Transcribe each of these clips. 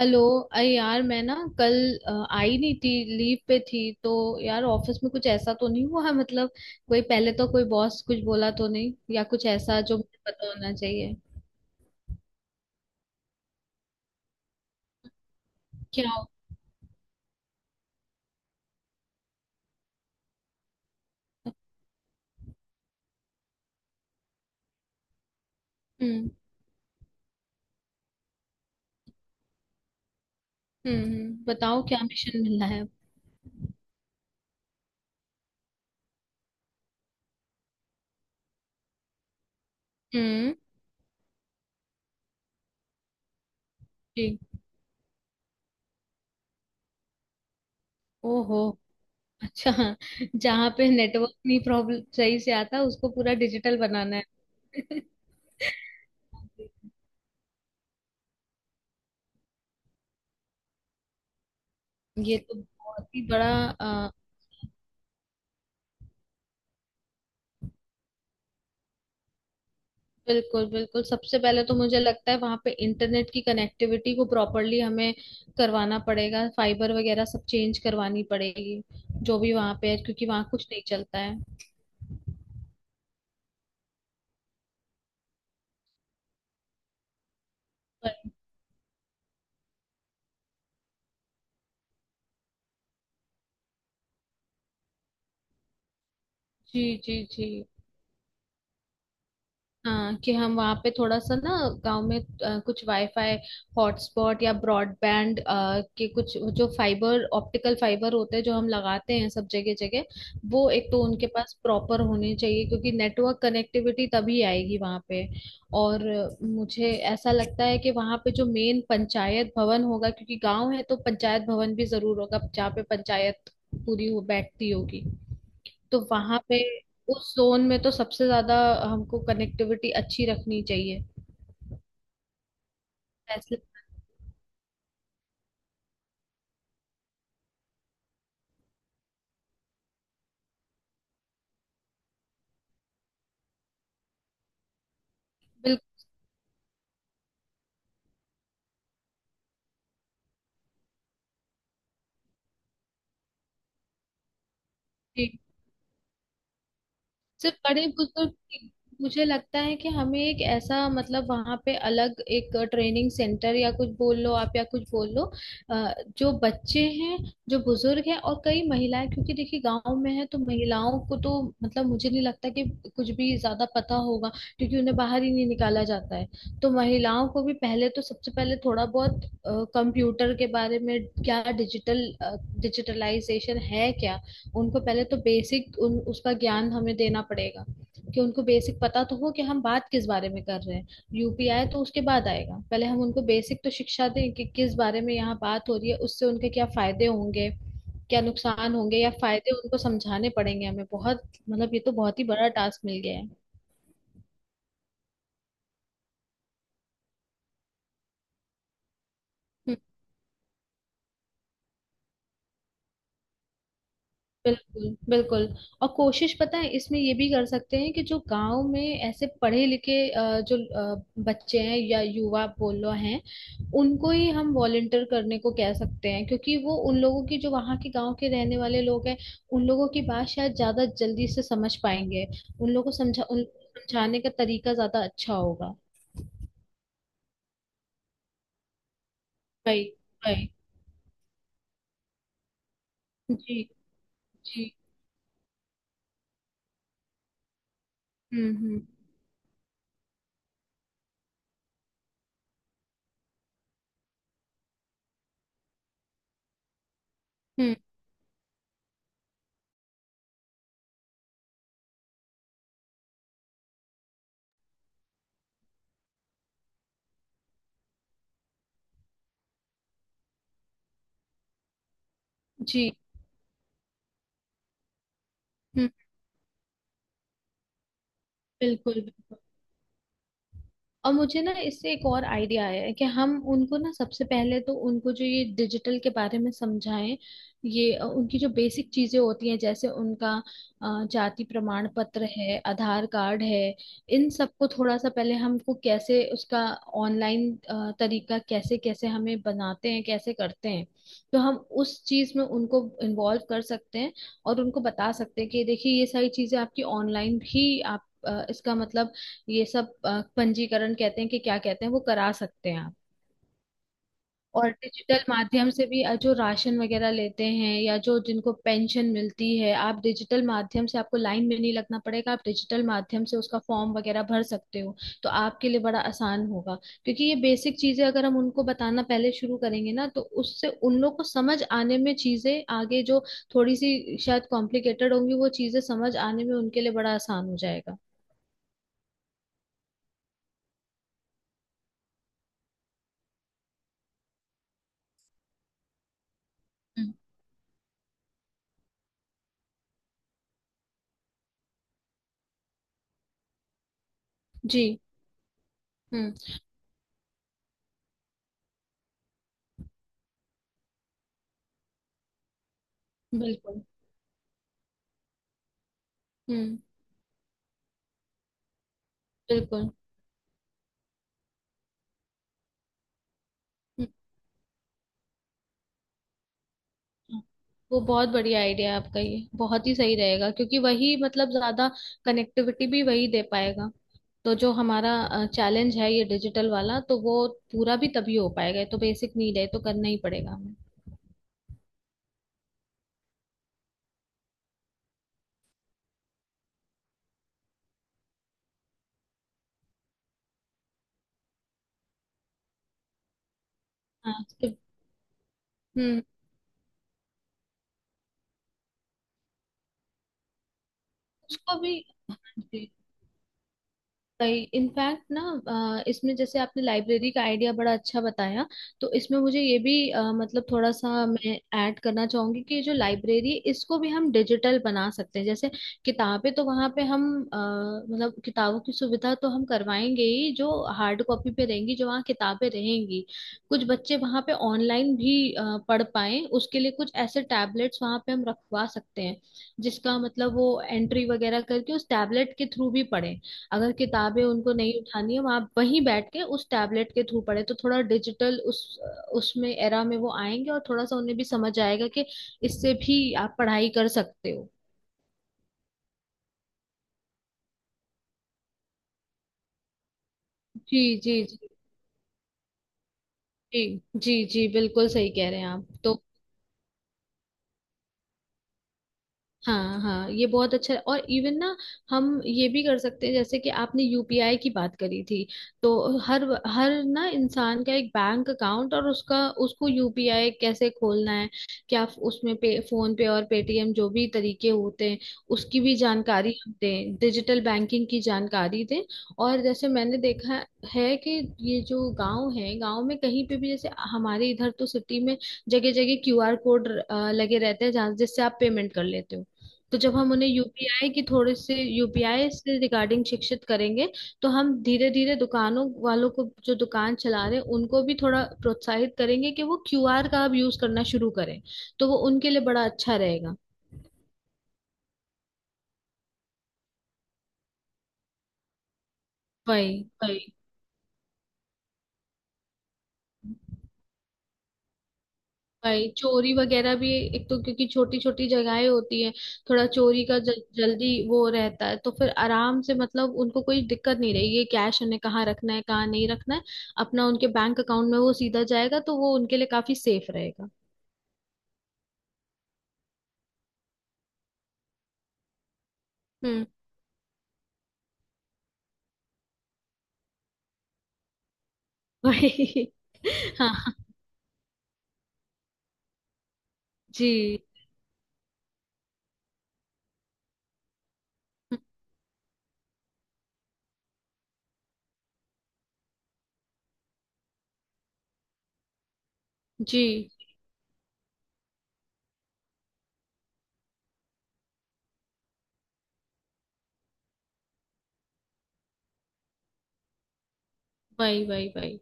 Hello. अरे यार मैं ना कल अ, आई नहीं थी। लीव पे थी तो यार ऑफिस में कुछ ऐसा तो नहीं हुआ मतलब कोई पहले तो कोई बॉस कुछ बोला तो नहीं या कुछ ऐसा जो मुझे पता होना चाहिए। क्या होता। हम्म बताओ क्या मिशन मिला है। हम्म। जी। ओहो। अच्छा। जहाँ पे नेटवर्क नहीं प्रॉब्लम सही से आता उसको पूरा डिजिटल बनाना है। ये तो बहुत ही बड़ा। बिल्कुल बिल्कुल, सबसे पहले तो मुझे लगता है वहां पे इंटरनेट की कनेक्टिविटी को प्रॉपरली हमें करवाना पड़ेगा, फाइबर वगैरह सब चेंज करवानी पड़ेगी जो भी वहां पे है क्योंकि वहां कुछ नहीं चलता है। पर- जी जी जी। हाँ कि हम वहाँ पे थोड़ा सा ना गांव में कुछ वाईफाई हॉटस्पॉट या ब्रॉडबैंड के कुछ जो फाइबर ऑप्टिकल फाइबर होते हैं जो हम लगाते हैं सब जगह जगह। वो एक तो उनके पास प्रॉपर होने चाहिए क्योंकि नेटवर्क कनेक्टिविटी तभी आएगी वहाँ पे। और मुझे ऐसा लगता है कि वहाँ पे जो मेन पंचायत भवन होगा क्योंकि गांव है तो पंचायत भवन भी जरूर होगा जहाँ पे पंचायत पूरी हो बैठती होगी। तो वहां पे उस जोन में तो सबसे ज्यादा हमको कनेक्टिविटी अच्छी रखनी चाहिए, फैसिलिटी। बिल्कुल। सिर्फ बड़े बुजुर्ग की- मुझे लगता है कि हमें एक ऐसा मतलब वहां पे अलग एक ट्रेनिंग सेंटर या कुछ बोल लो आप या कुछ बोल लो अ, जो बच्चे हैं जो बुजुर्ग हैं और कई महिलाएं, क्योंकि देखिए गांव में है तो महिलाओं को तो मतलब मुझे नहीं लगता कि कुछ भी ज्यादा पता होगा क्योंकि उन्हें बाहर ही नहीं निकाला जाता है। तो महिलाओं को भी पहले तो सबसे पहले थोड़ा बहुत कंप्यूटर के बारे में, क्या डिजिटल, डिजिटलाइजेशन है क्या, उनको पहले तो बेसिक उन उसका ज्ञान हमें देना पड़ेगा कि उनको बेसिक पता तो हो कि हम बात किस बारे में कर रहे हैं। यूपीआई तो उसके बाद आएगा, पहले हम उनको बेसिक तो शिक्षा दें कि किस बारे में यहाँ बात हो रही है, उससे उनके क्या फायदे होंगे क्या नुकसान होंगे, या फायदे उनको समझाने पड़ेंगे हमें बहुत। मतलब ये तो बहुत ही बड़ा टास्क मिल गया है। बिल्कुल बिल्कुल और कोशिश पता है इसमें ये भी कर सकते हैं कि जो गांव में ऐसे पढ़े लिखे जो बच्चे हैं या युवा बोलो हैं उनको ही हम वॉलंटियर करने को कह सकते हैं, क्योंकि वो उन लोगों की जो वहाँ के गांव के रहने वाले लोग हैं उन लोगों की बात शायद ज्यादा जल्दी से समझ पाएंगे। उन लोगों को समझाने का तरीका ज्यादा अच्छा होगा। भाई। भाई। जी। जी। हम्म। हम्म। जी। हम्म। बिल्कुल बिल्कुल और मुझे ना इससे एक और आइडिया आया है कि हम उनको ना सबसे पहले तो उनको जो ये डिजिटल के बारे में समझाएं। ये उनकी जो बेसिक चीजें होती हैं जैसे उनका जाति प्रमाण पत्र है आधार कार्ड है। इन सबको थोड़ा सा पहले हमको कैसे उसका ऑनलाइन तरीका, कैसे कैसे हमें बनाते हैं कैसे करते हैं, तो हम उस चीज में उनको इन्वॉल्व कर सकते हैं। और उनको बता सकते हैं कि देखिए ये सारी चीजें आपकी ऑनलाइन भी आप इसका मतलब ये सब पंजीकरण कहते हैं कि क्या कहते हैं वो करा सकते हैं आप। और डिजिटल माध्यम से भी जो राशन वगैरह लेते हैं या जो जिनको पेंशन मिलती है, आप डिजिटल माध्यम से आपको लाइन में नहीं लगना पड़ेगा, आप डिजिटल माध्यम से उसका फॉर्म वगैरह भर सकते हो तो आपके लिए बड़ा आसान होगा। क्योंकि ये बेसिक चीजें अगर हम उनको बताना पहले शुरू करेंगे ना तो उससे उन लोग को समझ आने में चीजें, आगे जो थोड़ी सी शायद कॉम्प्लिकेटेड होंगी वो चीजें समझ आने में उनके लिए बड़ा आसान हो जाएगा। हम्म। जी। हम्म। बिल्कुल। हम्म। बिल्कुल। हम्म, वो बहुत बढ़िया आइडिया है आपका, ये बहुत ही सही रहेगा क्योंकि वही मतलब ज्यादा कनेक्टिविटी भी वही दे पाएगा। तो जो हमारा चैलेंज है ये डिजिटल वाला तो वो पूरा भी तभी हो पाएगा, ये तो बेसिक नीड है, ये तो करना ही पड़ेगा हमें। हाँ। हम्म। उसको भी। इनफैक्ट ना इसमें जैसे आपने लाइब्रेरी का आइडिया बड़ा अच्छा बताया, तो इसमें मुझे ये भी मतलब थोड़ा सा मैं ऐड करना चाहूंगी कि जो लाइब्रेरी है इसको भी हम डिजिटल बना सकते हैं। जैसे किताबें तो वहाँ पे हम अ, मतलब किताबों की सुविधा तो हम करवाएंगे ही, जो हार्ड कॉपी पे रहेंगी जो वहाँ किताबें रहेंगी। कुछ बच्चे वहाँ पे ऑनलाइन भी पढ़ पाए उसके लिए कुछ ऐसे टैबलेट्स वहाँ पे हम रखवा सकते हैं, जिसका मतलब वो एंट्री वगैरह करके उस टैबलेट के थ्रू भी पढ़े। अगर किताबें उनको नहीं उठानी है वहां वहीं बैठ के उस टैबलेट के थ्रू पढ़े, तो थोड़ा डिजिटल उस उसमें एरा में वो आएंगे और थोड़ा सा उन्हें भी समझ आएगा कि इससे भी आप पढ़ाई कर सकते हो। जी। जी जी। जी जी जी, बिल्कुल सही कह रहे हैं आप तो। हाँ हाँ ये बहुत अच्छा है और इवन ना हम ये भी कर सकते हैं, जैसे कि आपने यूपीआई की बात करी थी, तो हर हर ना इंसान का एक बैंक अकाउंट, और उसका उसको यूपीआई कैसे खोलना है, क्या उसमें पे फोन पे और पेटीएम जो भी तरीके होते हैं उसकी भी जानकारी हम दें, डिजिटल बैंकिंग की जानकारी दें। और जैसे मैंने देखा है कि ये जो गांव है, गांव में कहीं पे भी, जैसे हमारे इधर तो सिटी में जगह जगह क्यूआर कोड लगे रहते हैं जहाँ जिससे आप पेमेंट कर लेते हो। तो जब हम उन्हें यूपीआई की थोड़े से यूपीआई से रिगार्डिंग शिक्षित करेंगे, तो हम धीरे धीरे दुकानों वालों को जो दुकान चला रहे हैं उनको भी थोड़ा प्रोत्साहित करेंगे कि वो क्यूआर का अब यूज करना शुरू करें, तो वो उनके लिए बड़ा अच्छा रहेगा। वही वही। भाई चोरी वगैरह भी, एक तो क्योंकि छोटी छोटी जगहें होती है, थोड़ा चोरी का जल्दी वो रहता है, तो फिर आराम से मतलब उनको कोई दिक्कत नहीं रहेगी ये कैश उन्हें कहाँ रखना है कहाँ नहीं रखना है। अपना उनके बैंक अकाउंट में वो सीधा जाएगा तो वो उनके लिए काफी सेफ रहेगा। हम्म। भाई। हाँ। जी जी। वही वही वही।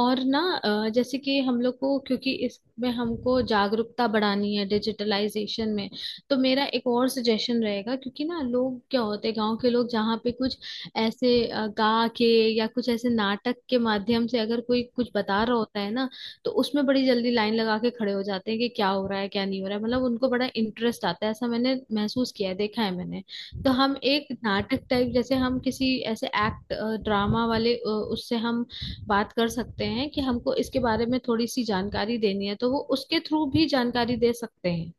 और ना जैसे कि हम लोग को, क्योंकि इसमें हमको जागरूकता बढ़ानी है डिजिटलाइजेशन में, तो मेरा एक और सजेशन रहेगा। क्योंकि ना लोग क्या होते हैं, गांव के लोग, जहाँ पे कुछ ऐसे गा के या कुछ ऐसे नाटक के माध्यम से अगर कोई कुछ बता रहा होता है ना, तो उसमें बड़ी जल्दी लाइन लगा के खड़े हो जाते हैं कि क्या हो रहा है क्या नहीं हो रहा है, मतलब उनको बड़ा इंटरेस्ट आता है, ऐसा मैंने महसूस किया है, देखा है मैंने। तो हम एक नाटक टाइप जैसे हम किसी ऐसे एक्ट ड्रामा वाले उससे हम बात कर सकते हैं कि हमको इसके बारे में थोड़ी सी जानकारी देनी है, तो वो उसके थ्रू भी जानकारी दे सकते हैं।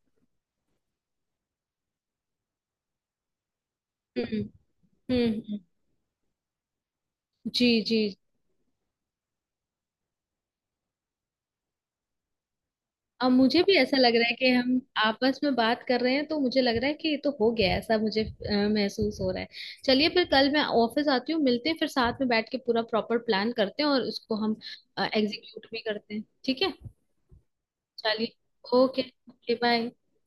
हम्म हम्म। जी जी। अब मुझे भी ऐसा लग रहा है कि हम आपस में बात कर रहे हैं तो मुझे लग रहा है कि ये तो हो गया है, ऐसा मुझे महसूस हो रहा है। चलिए फिर कल मैं ऑफिस आती हूँ, मिलते हैं फिर साथ में बैठ के पूरा प्रॉपर प्लान करते हैं और उसको हम एग्जीक्यूट भी करते हैं, ठीक है। चलिए। ओके। Okay bye.